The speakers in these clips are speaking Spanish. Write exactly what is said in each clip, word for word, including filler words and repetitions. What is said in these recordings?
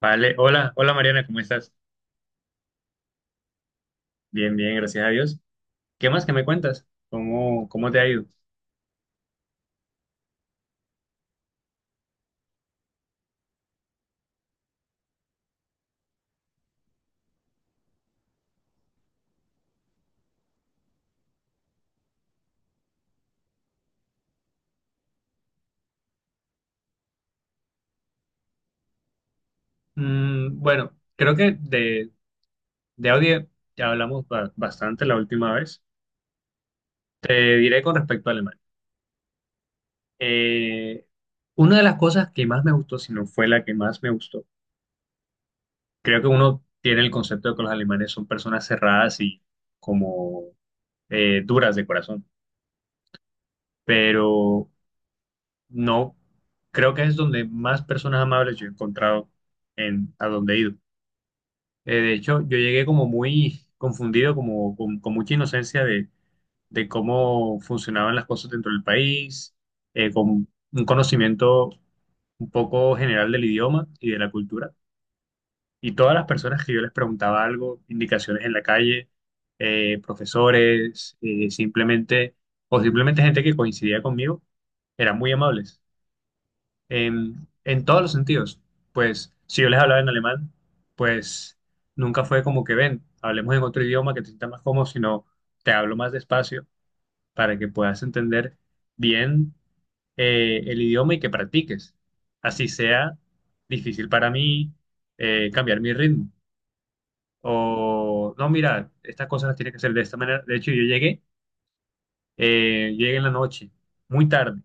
Vale, hola, hola Mariana, ¿cómo estás? Bien, bien, gracias a Dios. ¿Qué más que me cuentas? ¿Cómo, cómo te ha ido? Mm, bueno, creo que de, de audio ya hablamos ba- bastante la última vez. Te diré con respecto a Alemania. Eh, una de las cosas que más me gustó, si no fue la que más me gustó, creo que uno tiene el concepto de que los alemanes son personas cerradas y como eh, duras de corazón, pero no, creo que es donde más personas amables yo he encontrado en a donde he ido. Eh, de hecho, yo llegué como muy confundido, como con, con mucha inocencia de, de cómo funcionaban las cosas dentro del país, eh, con un conocimiento un poco general del idioma y de la cultura. Y todas las personas que yo les preguntaba algo, indicaciones en la calle, eh, profesores, eh, simplemente, o simplemente gente que coincidía conmigo, eran muy amables en, en todos los sentidos. Pues si yo les hablaba en alemán, pues nunca fue como que ven, hablemos en otro idioma que te sienta más cómodo, sino te hablo más despacio para que puedas entender bien eh, el idioma y que practiques. Así sea difícil para mí eh, cambiar mi ritmo. O no, mira, estas cosas las tienes que hacer de esta manera. De hecho, yo llegué, eh, llegué en la noche, muy tarde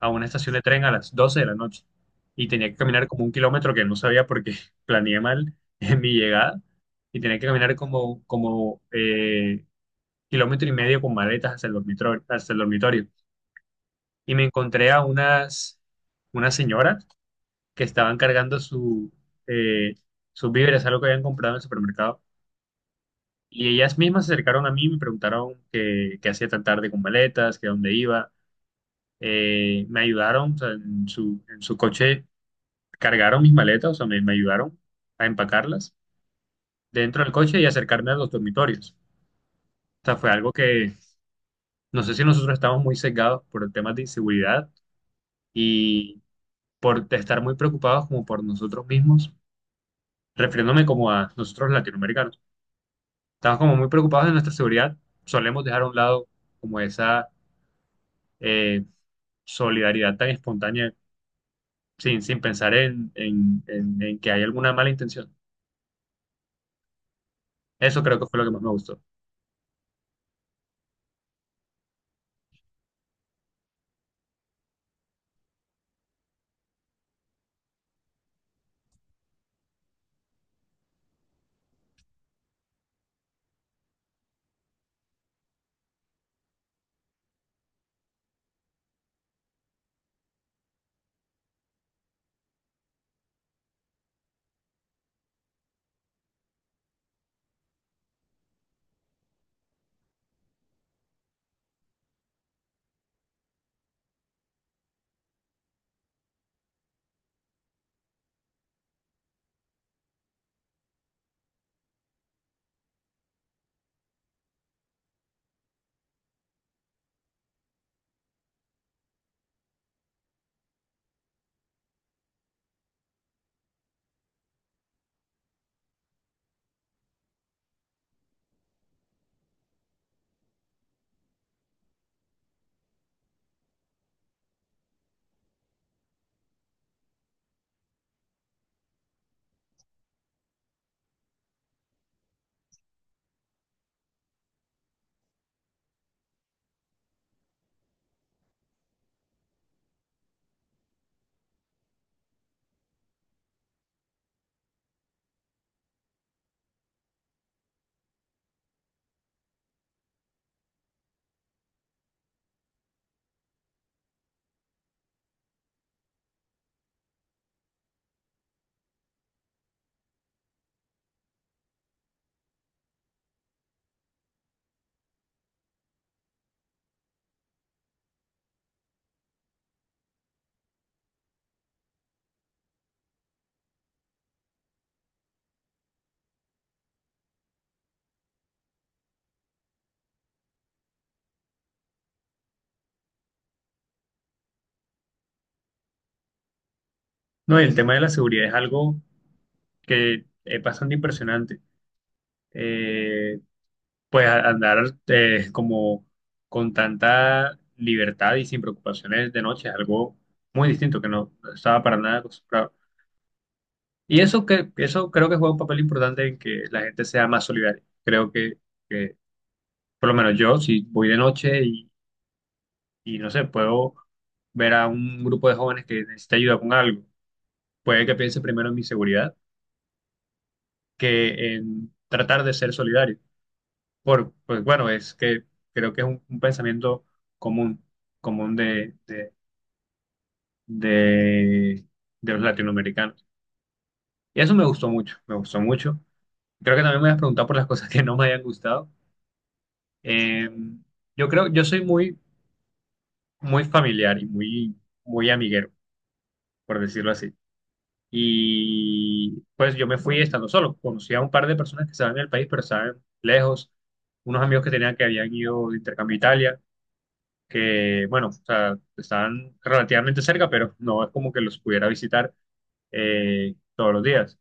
a una estación de tren a las doce de la noche y tenía que caminar como un kilómetro que no sabía porque planeé mal en mi llegada y tenía que caminar como, como eh, kilómetro y medio con maletas hasta el dormitorio, hasta el dormitorio. Y me encontré a unas, unas señoras que estaban cargando su, eh, sus víveres, algo que habían comprado en el supermercado. Y ellas mismas se acercaron a mí y me preguntaron qué, qué hacía tan tarde con maletas, que a dónde iba. Eh, me ayudaron, o sea, en su, en su coche. Cargaron mis maletas, o sea, me, me ayudaron a empacarlas dentro del coche y acercarme a los dormitorios. O sea, fue algo que no sé si nosotros estamos muy sesgados por temas de inseguridad y por estar muy preocupados como por nosotros mismos, refiriéndome como a nosotros latinoamericanos. Estamos como muy preocupados de nuestra seguridad, solemos dejar a un lado como esa eh, solidaridad tan espontánea sin, sin pensar en, en en- en que hay alguna mala intención. Eso creo que fue lo que más me gustó. No, y el tema de la seguridad es algo que es bastante impresionante. Eh, pues a- andar eh, como con tanta libertad y sin preocupaciones de noche es algo muy distinto que no estaba para nada acostumbrado. Y eso, que, eso creo que juega un papel importante en que la gente sea más solidaria. Creo que, que por lo menos yo, si voy de noche y, y no sé, puedo ver a un grupo de jóvenes que necesita ayuda con algo, puede que piense primero en mi seguridad que en tratar de ser solidario. Por, pues bueno, es que creo que es un, un pensamiento común, común de, de, de, de los latinoamericanos. Y eso me gustó mucho, me gustó mucho. Creo que también me has preguntado por las cosas que no me hayan gustado. Eh, yo creo, yo soy muy, muy familiar y muy, muy amiguero, por decirlo así. Y pues yo me fui estando solo. Conocí a un par de personas que estaban en el país, pero estaban lejos. Unos amigos que tenía que habían ido de intercambio a Italia que, bueno, o sea, están relativamente cerca, pero no es como que los pudiera visitar eh, todos los días.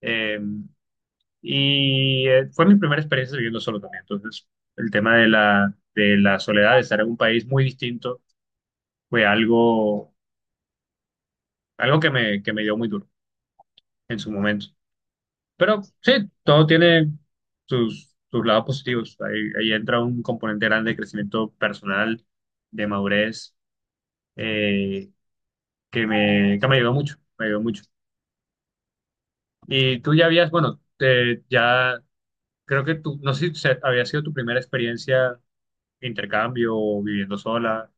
Eh, y eh, fue mi primera experiencia viviendo solo también. Entonces, el tema de la, de la soledad, de estar en un país muy distinto, fue algo, algo que me, que me dio muy duro en su momento. Pero sí, todo tiene sus, sus lados positivos. Ahí, ahí entra un componente grande de crecimiento personal, de madurez, eh, que me, que me ayudó mucho, me ayudó mucho. Y tú ya habías, bueno, te- ya creo que tú, no sé si se- había sido tu primera experiencia de intercambio o viviendo sola,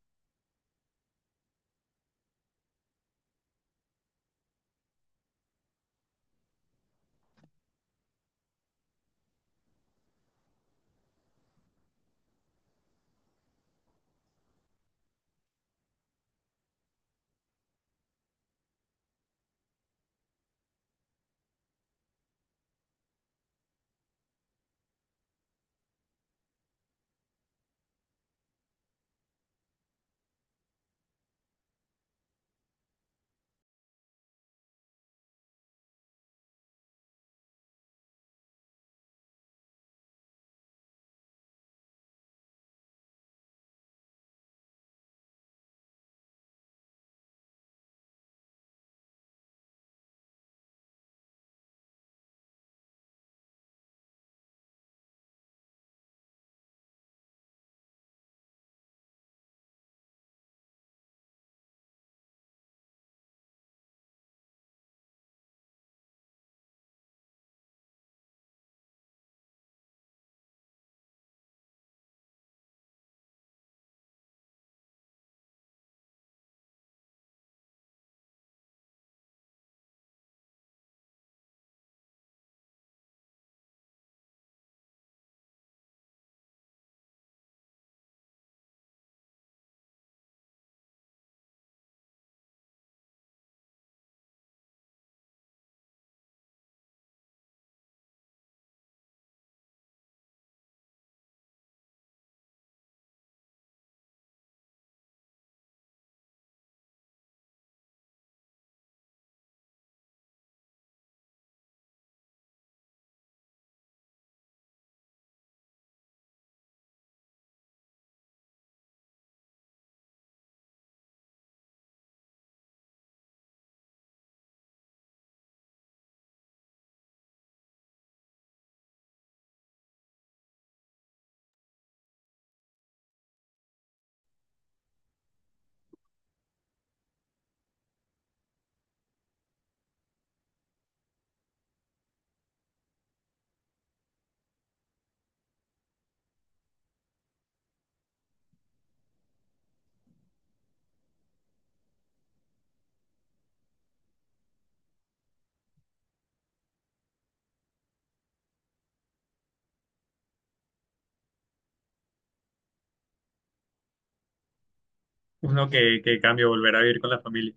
uno que, que cambia volver a vivir con la familia.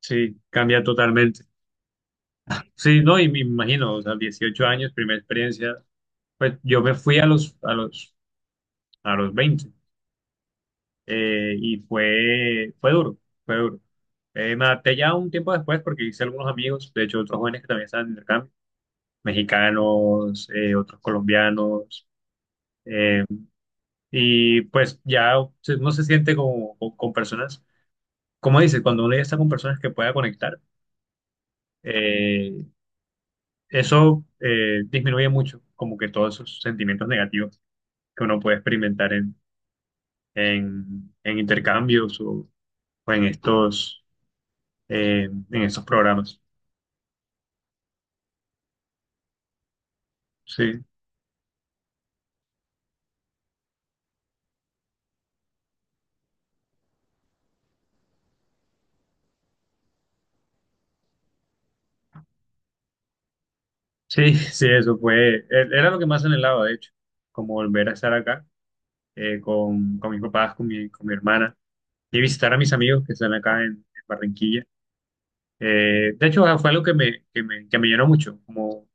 Sí, cambia totalmente. Sí, no, y me imagino, o sea, dieciocho años, primera experiencia, pues yo me fui a los, a los, a los veinte eh, y fue, fue duro, fue duro. Eh, me adapté ya un tiempo después porque hice algunos amigos, de hecho otros jóvenes que también estaban en intercambio, mexicanos, eh, otros colombianos. eh, y pues ya se- uno se siente como, con con personas, como dices, cuando uno ya está con personas que pueda conectar, eh, eso eh, disminuye mucho como que todos esos sentimientos negativos que uno puede experimentar en, en, en intercambios o, o en estos, eh, en estos programas. Sí, sí, sí, eso fue, e- era lo que más anhelaba, de hecho, como volver a estar acá eh, con, con mis papás, con mi, con mi hermana y visitar a mis amigos que están acá en en Barranquilla. Eh, de hecho, fue algo que me, que me, que me llenó mucho, como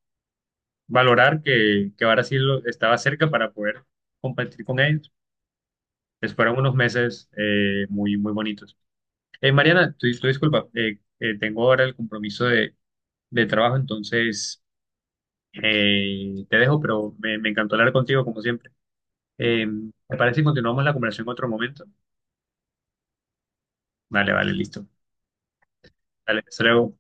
valorar que, que Brasil estaba cerca para poder competir con ellos. Pues fueron unos meses eh, muy, muy bonitos. Eh, Mariana, tu, tu disculpa, eh, eh, tengo ahora el compromiso de, de trabajo, entonces eh, te dejo, pero me, me encantó hablar contigo como siempre. Eh, ¿Te parece que continuamos la conversación en otro momento? Vale, vale, listo. Dale, hasta luego.